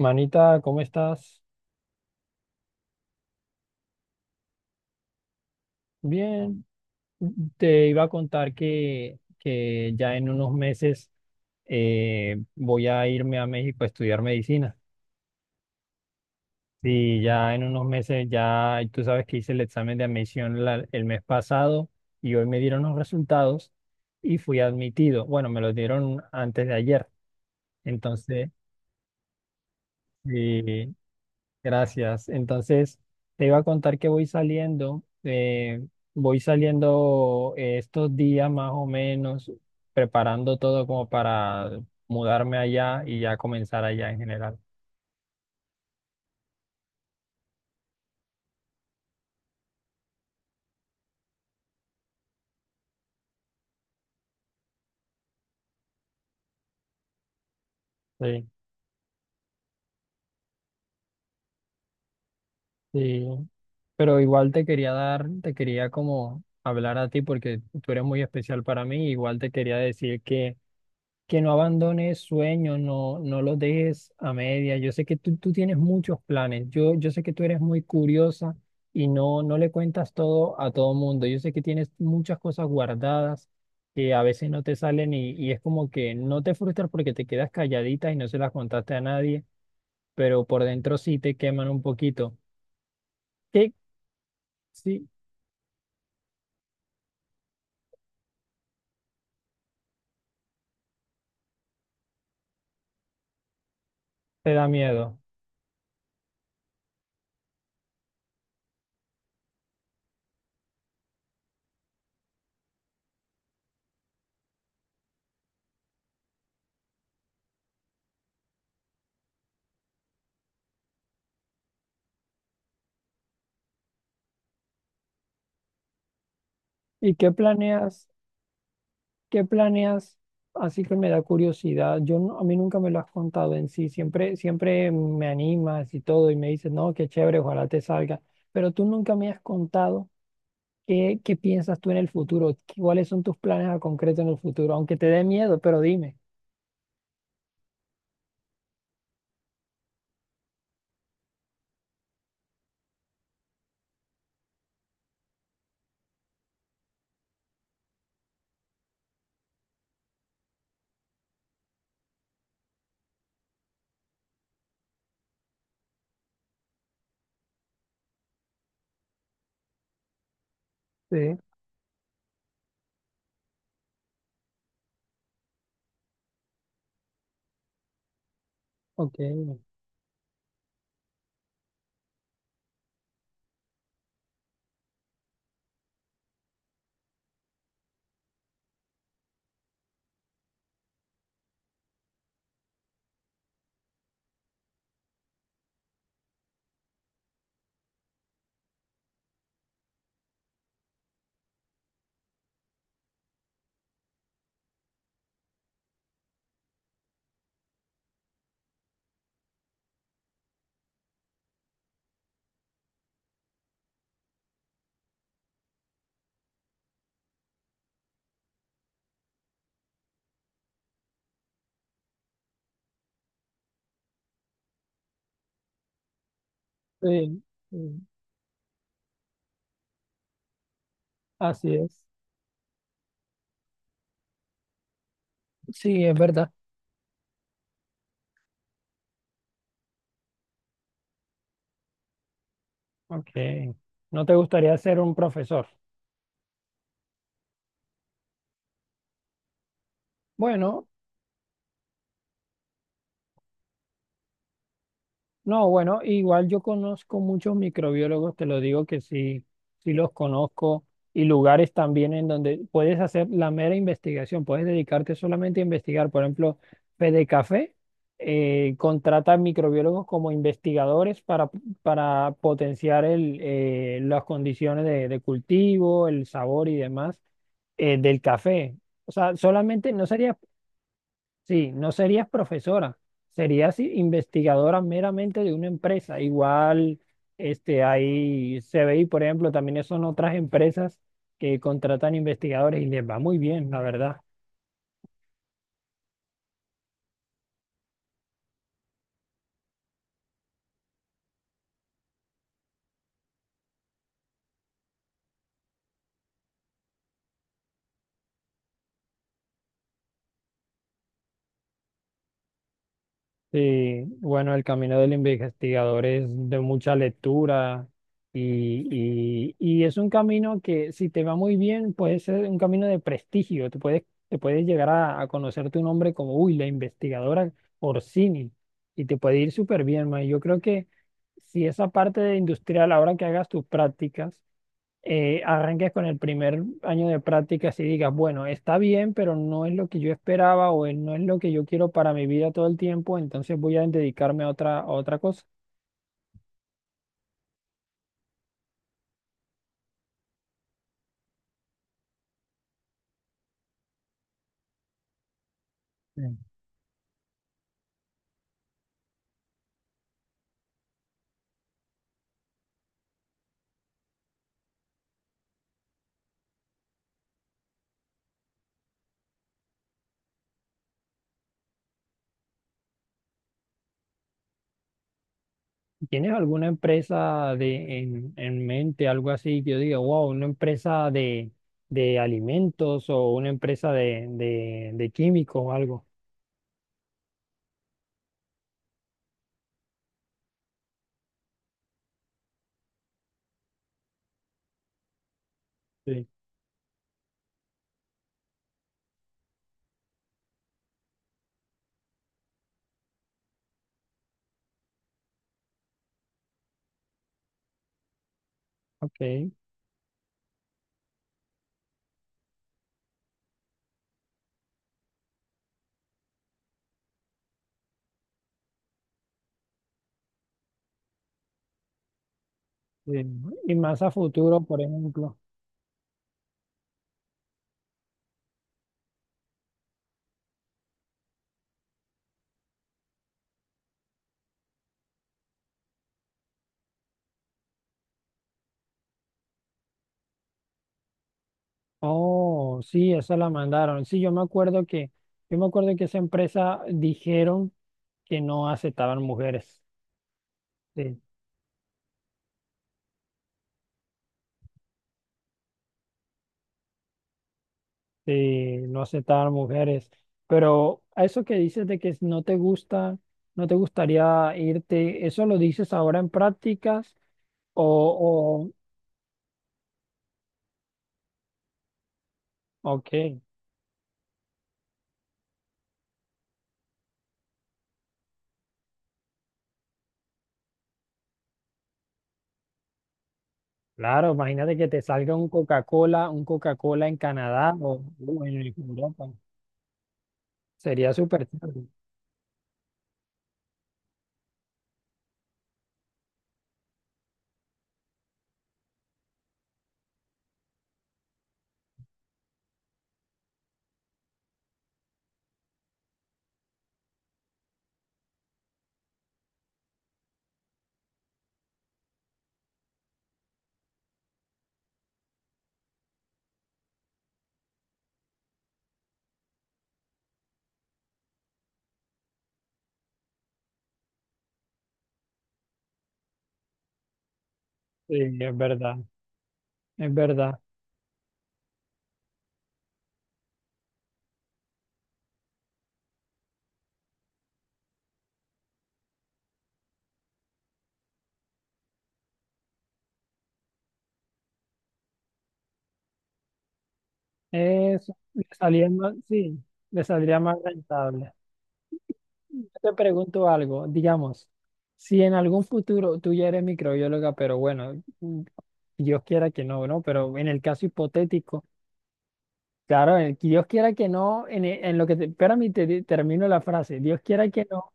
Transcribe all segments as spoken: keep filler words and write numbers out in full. Manita, ¿cómo estás? Bien, te iba a contar que, que ya en unos meses eh, voy a irme a México a estudiar medicina. Sí, ya en unos meses, ya tú sabes que hice el examen de admisión la- el mes pasado y hoy me dieron los resultados y fui admitido. Bueno, me los dieron antes de ayer. Entonces, sí, gracias. Entonces, te iba a contar que voy saliendo, eh, voy saliendo eh, estos días más o menos, preparando todo como para mudarme allá y ya comenzar allá en general. Sí, sí. Pero igual te quería dar, te quería como hablar a ti porque tú eres muy especial para mí. Igual te quería decir que que no abandones sueños, no, no los dejes a media. Yo sé que tú, tú tienes muchos planes. Yo, yo sé que tú eres muy curiosa y no, no le cuentas todo a todo mundo. Yo sé que tienes muchas cosas guardadas que a veces no te salen y, y es como que no te frustras porque te quedas calladita y no se las contaste a nadie, pero por dentro sí te queman un poquito. ¿Qué, sí te da miedo? ¿Y qué planeas? ¿Qué planeas? Así que me da curiosidad. Yo no- A mí nunca me lo has contado en sí. Siempre, siempre me animas y todo y me dices, no, qué chévere, ojalá te salga. Pero tú nunca me has contado qué, qué piensas tú en el futuro. ¿Cuáles son tus planes a concreto en el futuro? Aunque te dé miedo, pero dime. Sí, ok. Sí, sí, así es. Sí, es verdad. Ok. ¿No te gustaría ser un profesor? Bueno, no, bueno, igual yo conozco muchos microbiólogos, te lo digo que sí, sí los conozco, y lugares también en donde puedes hacer la mera investigación, puedes dedicarte solamente a investigar. Por ejemplo, Fedecafé eh, contrata microbiólogos como investigadores para, para potenciar el, eh, las condiciones de, de cultivo, el sabor y demás eh, del café. O sea, solamente no sería. Sí, no serías profesora, serías i- investigadora meramente de una empresa. Igual, este, hay C B I, por ejemplo, también son otras empresas que contratan investigadores y les va muy bien, la verdad. Sí, bueno, el camino del investigador es de mucha lectura y, y- y es un camino que si te va muy bien puede ser un camino de prestigio, te puedes, te puedes llegar a, a conocer tu nombre como, uy, la investigadora Orsini y te puede ir súper bien, ma. Yo creo que si esa parte de industrial, ahora que hagas tus prácticas, eh, arranques con el primer año de prácticas y digas, bueno, está bien, pero no es lo que yo esperaba o no es lo que yo quiero para mi vida todo el tiempo, entonces voy a dedicarme a otra, a otra cosa. Mm. ¿Tienes alguna empresa de, en, en mente, algo así, que yo diga, wow, una empresa de, de alimentos o una empresa de, de, de químicos o algo? Sí, ok. Sí. Y más a futuro, por ejemplo. Oh, sí, esa la mandaron. Sí, yo me acuerdo que, yo me acuerdo que esa empresa dijeron que no aceptaban mujeres. Sí, sí, no aceptaban mujeres. Pero a eso que dices de que no te gusta, no te gustaría irte, ¿eso lo dices ahora en prácticas? O, o, ok, claro, imagínate que te salga un Coca-Cola, un Coca-Cola en Canadá o o en Europa. Sería súper chévere. Sí, es verdad, es verdad. Eso, le salía más, sí, le saldría más rentable. Yo te pregunto algo, digamos, si en algún futuro tú ya eres microbióloga, pero bueno, mm, Dios quiera que no, ¿no? Pero en el caso hipotético, claro, en el- Dios quiera que no, en, e- en lo que te, espérame, y te di- termino la frase, Dios quiera que no.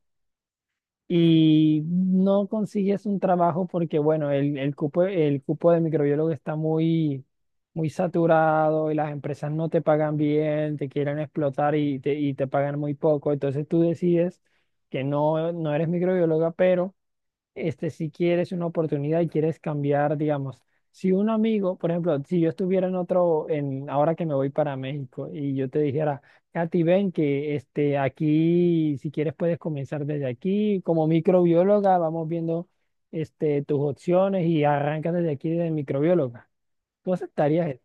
Y no consigues un trabajo porque, bueno, el, el cupo, el cupo de microbiólogo está muy, muy saturado y las empresas no te pagan bien, te quieren explotar y te, y te pagan muy poco. Entonces tú decides que no, no eres microbióloga, pero este, si quieres una oportunidad y quieres cambiar, digamos, si un amigo, por ejemplo, si yo estuviera en otro, en ahora que me voy para México y yo te dijera, Katy, ven que este, aquí, si quieres puedes comenzar desde aquí, como microbióloga, vamos viendo este, tus opciones y arrancas desde aquí de microbióloga. ¿Tú aceptarías eso?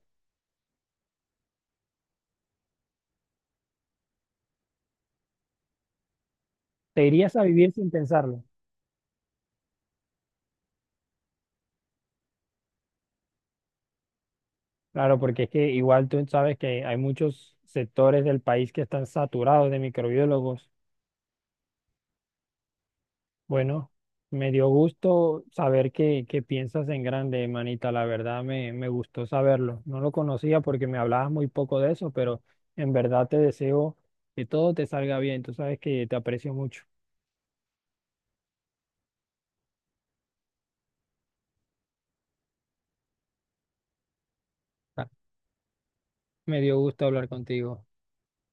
¿Te irías a vivir sin pensarlo? Claro, porque es que igual tú sabes que hay muchos sectores del país que están saturados de microbiólogos. Bueno, me dio gusto saber que, que piensas en grande, manita. La verdad me, me gustó saberlo. No lo conocía porque me hablabas muy poco de eso, pero en verdad te deseo que todo te salga bien. Tú sabes que te aprecio mucho. Ah, me dio gusto hablar contigo.